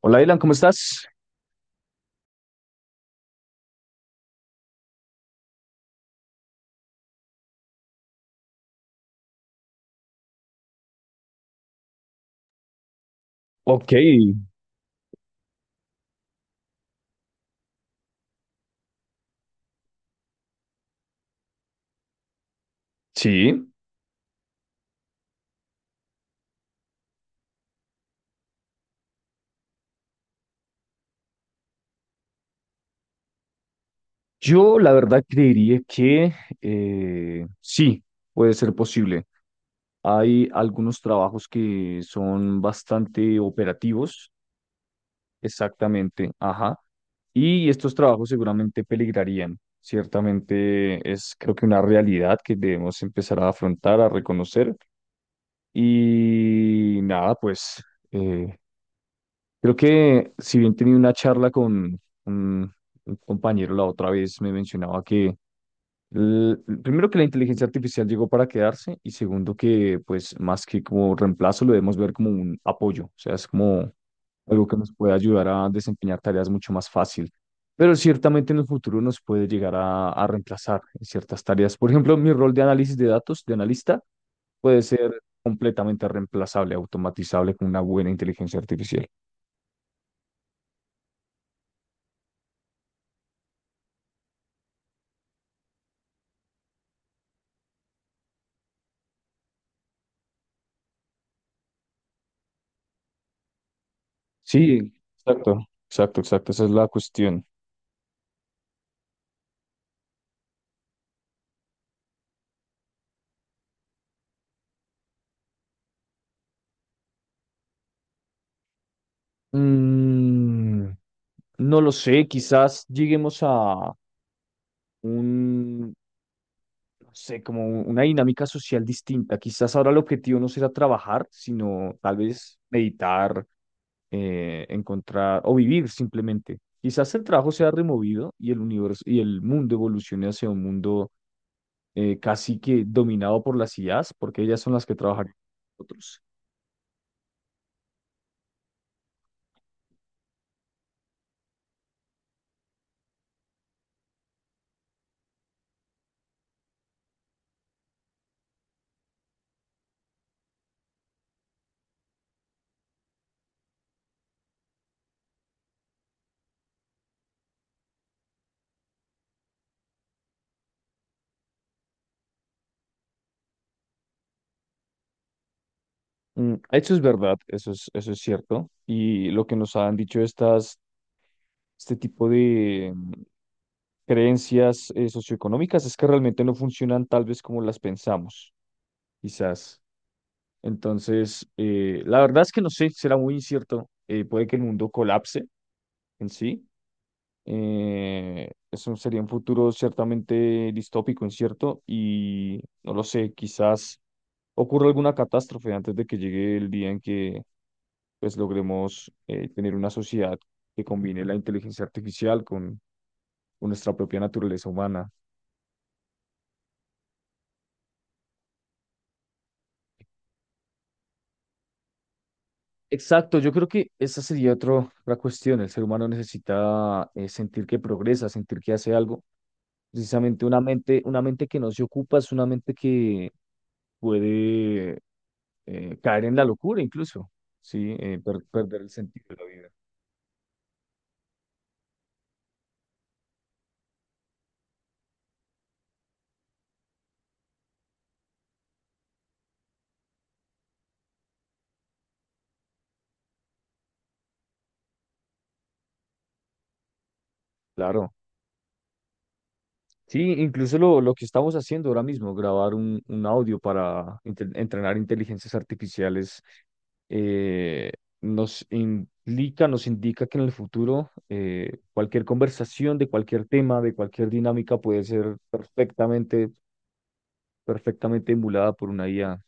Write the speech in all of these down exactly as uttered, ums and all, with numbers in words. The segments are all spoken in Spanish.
Hola, Dylan, ¿cómo estás? Ok, sí. Yo la verdad creería que eh, sí, puede ser posible. Hay algunos trabajos que son bastante operativos, exactamente, ajá. Y estos trabajos seguramente peligrarían. Ciertamente es creo que una realidad que debemos empezar a afrontar, a reconocer. Y nada, pues eh, creo que si bien tenía una charla con un, un compañero la otra vez, me mencionaba que l- primero que la inteligencia artificial llegó para quedarse y segundo que pues más que como reemplazo lo debemos ver como un apoyo, o sea, es como algo que nos puede ayudar a desempeñar tareas mucho más fácil, pero ciertamente en el futuro nos puede llegar a, a reemplazar en ciertas tareas. Por ejemplo, mi rol de análisis de datos, de analista, puede ser completamente reemplazable, automatizable con una buena inteligencia artificial. Sí, exacto, exacto, exacto, esa es la cuestión. Mm, no lo sé, quizás lleguemos a un, no sé, como una dinámica social distinta. Quizás ahora el objetivo no será trabajar, sino tal vez meditar, eh, encontrar o vivir simplemente. Quizás el trabajo sea removido y el universo y el mundo evolucione hacia un mundo eh, casi que dominado por las I As, porque ellas son las que trabajan con nosotros. Mm, eso es verdad, eso es, eso es cierto. Y lo que nos han dicho estas, este tipo de mm, creencias eh, socioeconómicas es que realmente no funcionan tal vez como las pensamos, quizás. Entonces, eh, la verdad es que no sé, será muy incierto. Eh, puede que el mundo colapse en sí. Eh, eso sería un futuro ciertamente distópico, incierto, y no lo sé, quizás ocurra alguna catástrofe antes de que llegue el día en que pues logremos eh, tener una sociedad que combine la inteligencia artificial con, con nuestra propia naturaleza humana. Exacto, yo creo que esa sería otro- otra cuestión. El ser humano necesita eh, sentir que progresa, sentir que hace algo. Precisamente una mente, una mente que no se ocupa es una mente que puede eh, caer en la locura incluso, ¿sí? Eh, per- perder el sentido de la vida. Claro. Sí, incluso lo, lo que estamos haciendo ahora mismo, grabar un, un audio para inte- entrenar inteligencias artificiales, eh, nos implica, nos indica que en el futuro eh, cualquier conversación de cualquier tema, de cualquier dinámica puede ser perfectamente, perfectamente emulada por una I A.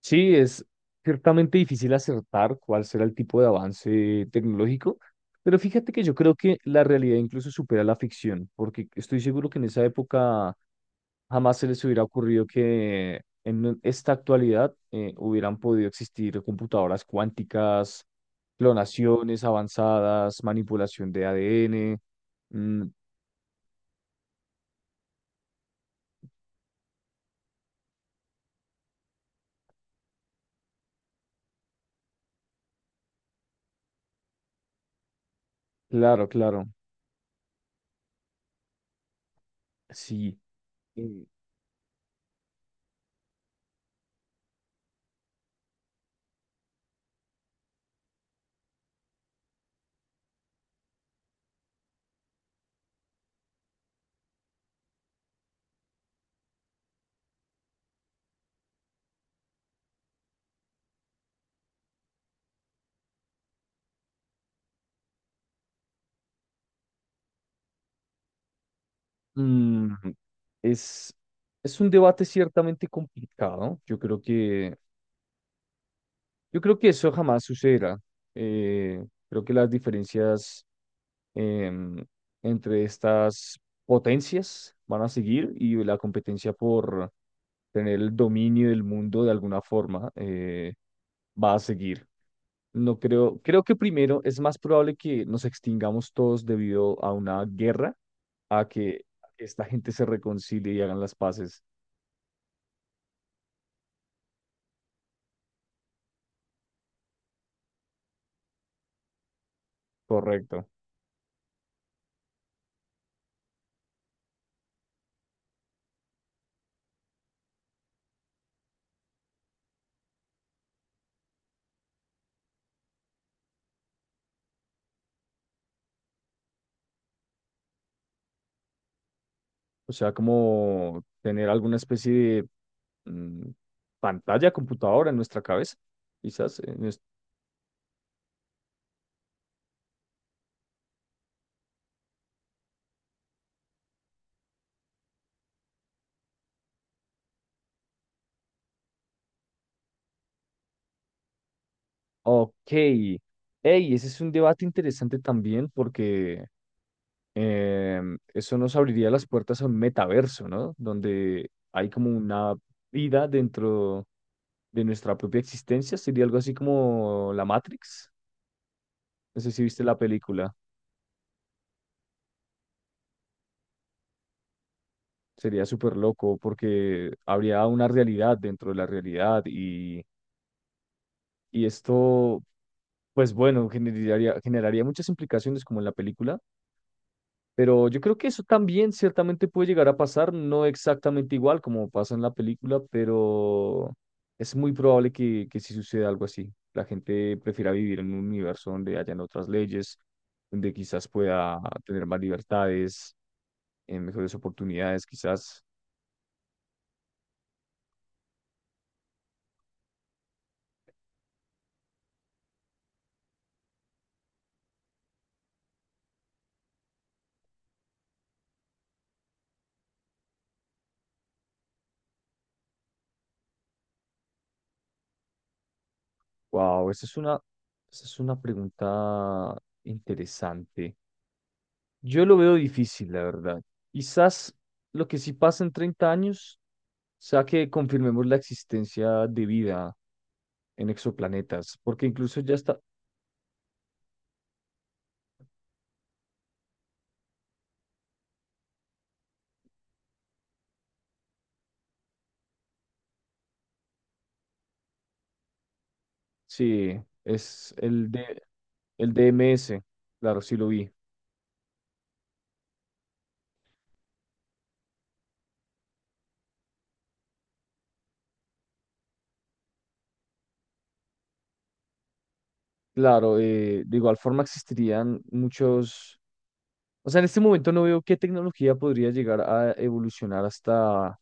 Sí, es ciertamente difícil acertar cuál será el tipo de avance tecnológico, pero fíjate que yo creo que la realidad incluso supera la ficción, porque estoy seguro que en esa época jamás se les hubiera ocurrido que en esta actualidad eh, hubieran podido existir computadoras cuánticas, clonaciones avanzadas, manipulación de A D N. Mm, claro, claro, sí. Eh, mm, es, es un debate ciertamente complicado. Yo creo que, yo creo que eso jamás sucederá. Eh, creo que las diferencias em, entre estas potencias van a seguir y la competencia por tener el dominio del mundo de alguna forma eh, va a seguir. No creo, creo que primero es más probable que nos extingamos todos debido a una guerra, a que esta gente se reconcilie y hagan las paces. Correcto. O sea, como tener alguna especie de mm, pantalla, computadora en nuestra cabeza, quizás. eh, en nues- Ok. Ey, ese es un debate interesante también porque em, eso nos abriría las puertas a un metaverso, ¿no? Donde hay como una vida dentro de nuestra propia existencia. Sería algo así como la Matrix. No sé si viste la película. Sería súper loco porque habría una realidad dentro de la realidad y, y esto, pues bueno, generaría, generaría muchas implicaciones como en la película. Pero yo creo que eso también ciertamente puede llegar a pasar, no exactamente igual como pasa en la película, pero es muy probable que, que sí suceda algo así. La gente prefiera vivir en un universo donde hayan otras leyes, donde quizás pueda tener más libertades, eh, mejores oportunidades, quizás. Wow, esa es una, esa es una pregunta interesante. Yo lo veo difícil, la verdad. Quizás lo que sí pasa en treinta años sea que confirmemos la existencia de vida en exoplanetas, porque incluso ya está, sí, es el de el D M S, claro, sí lo vi. Claro, eh, de igual forma existirían muchos, o sea, en este momento no veo qué tecnología podría llegar a evolucionar hasta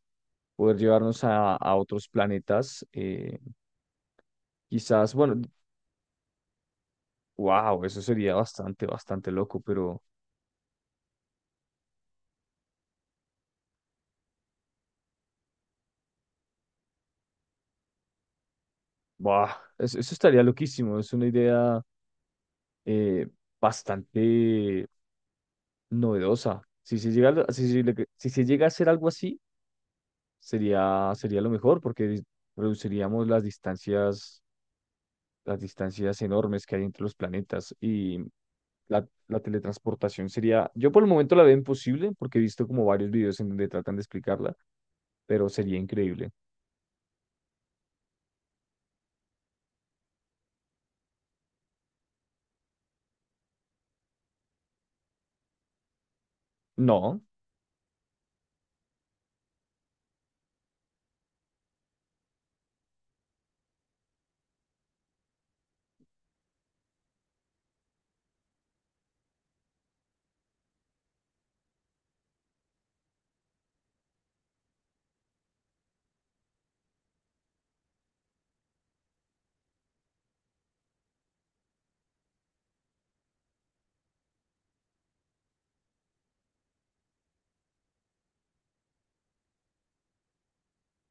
poder llevarnos a, a otros planetas. eh, quizás, bueno, Wow, eso sería bastante, bastante loco, pero wow, eso, eso estaría loquísimo. Es una idea eh, bastante novedosa. Si se llega, a lo- si, se le- Si se llega a hacer algo así, sería, sería lo mejor porque dis- reduciríamos las distancias, las distancias enormes que hay entre los planetas y la, la teletransportación sería, yo por el momento la veo imposible porque he visto como varios videos en donde tratan de explicarla, pero sería increíble. No,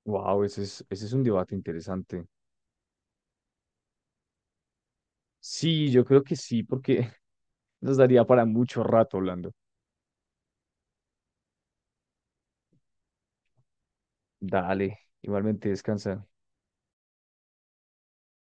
wow, ese es, ese es un debate interesante. Sí, yo creo que sí, porque nos daría para mucho rato hablando. Dale, igualmente descansa.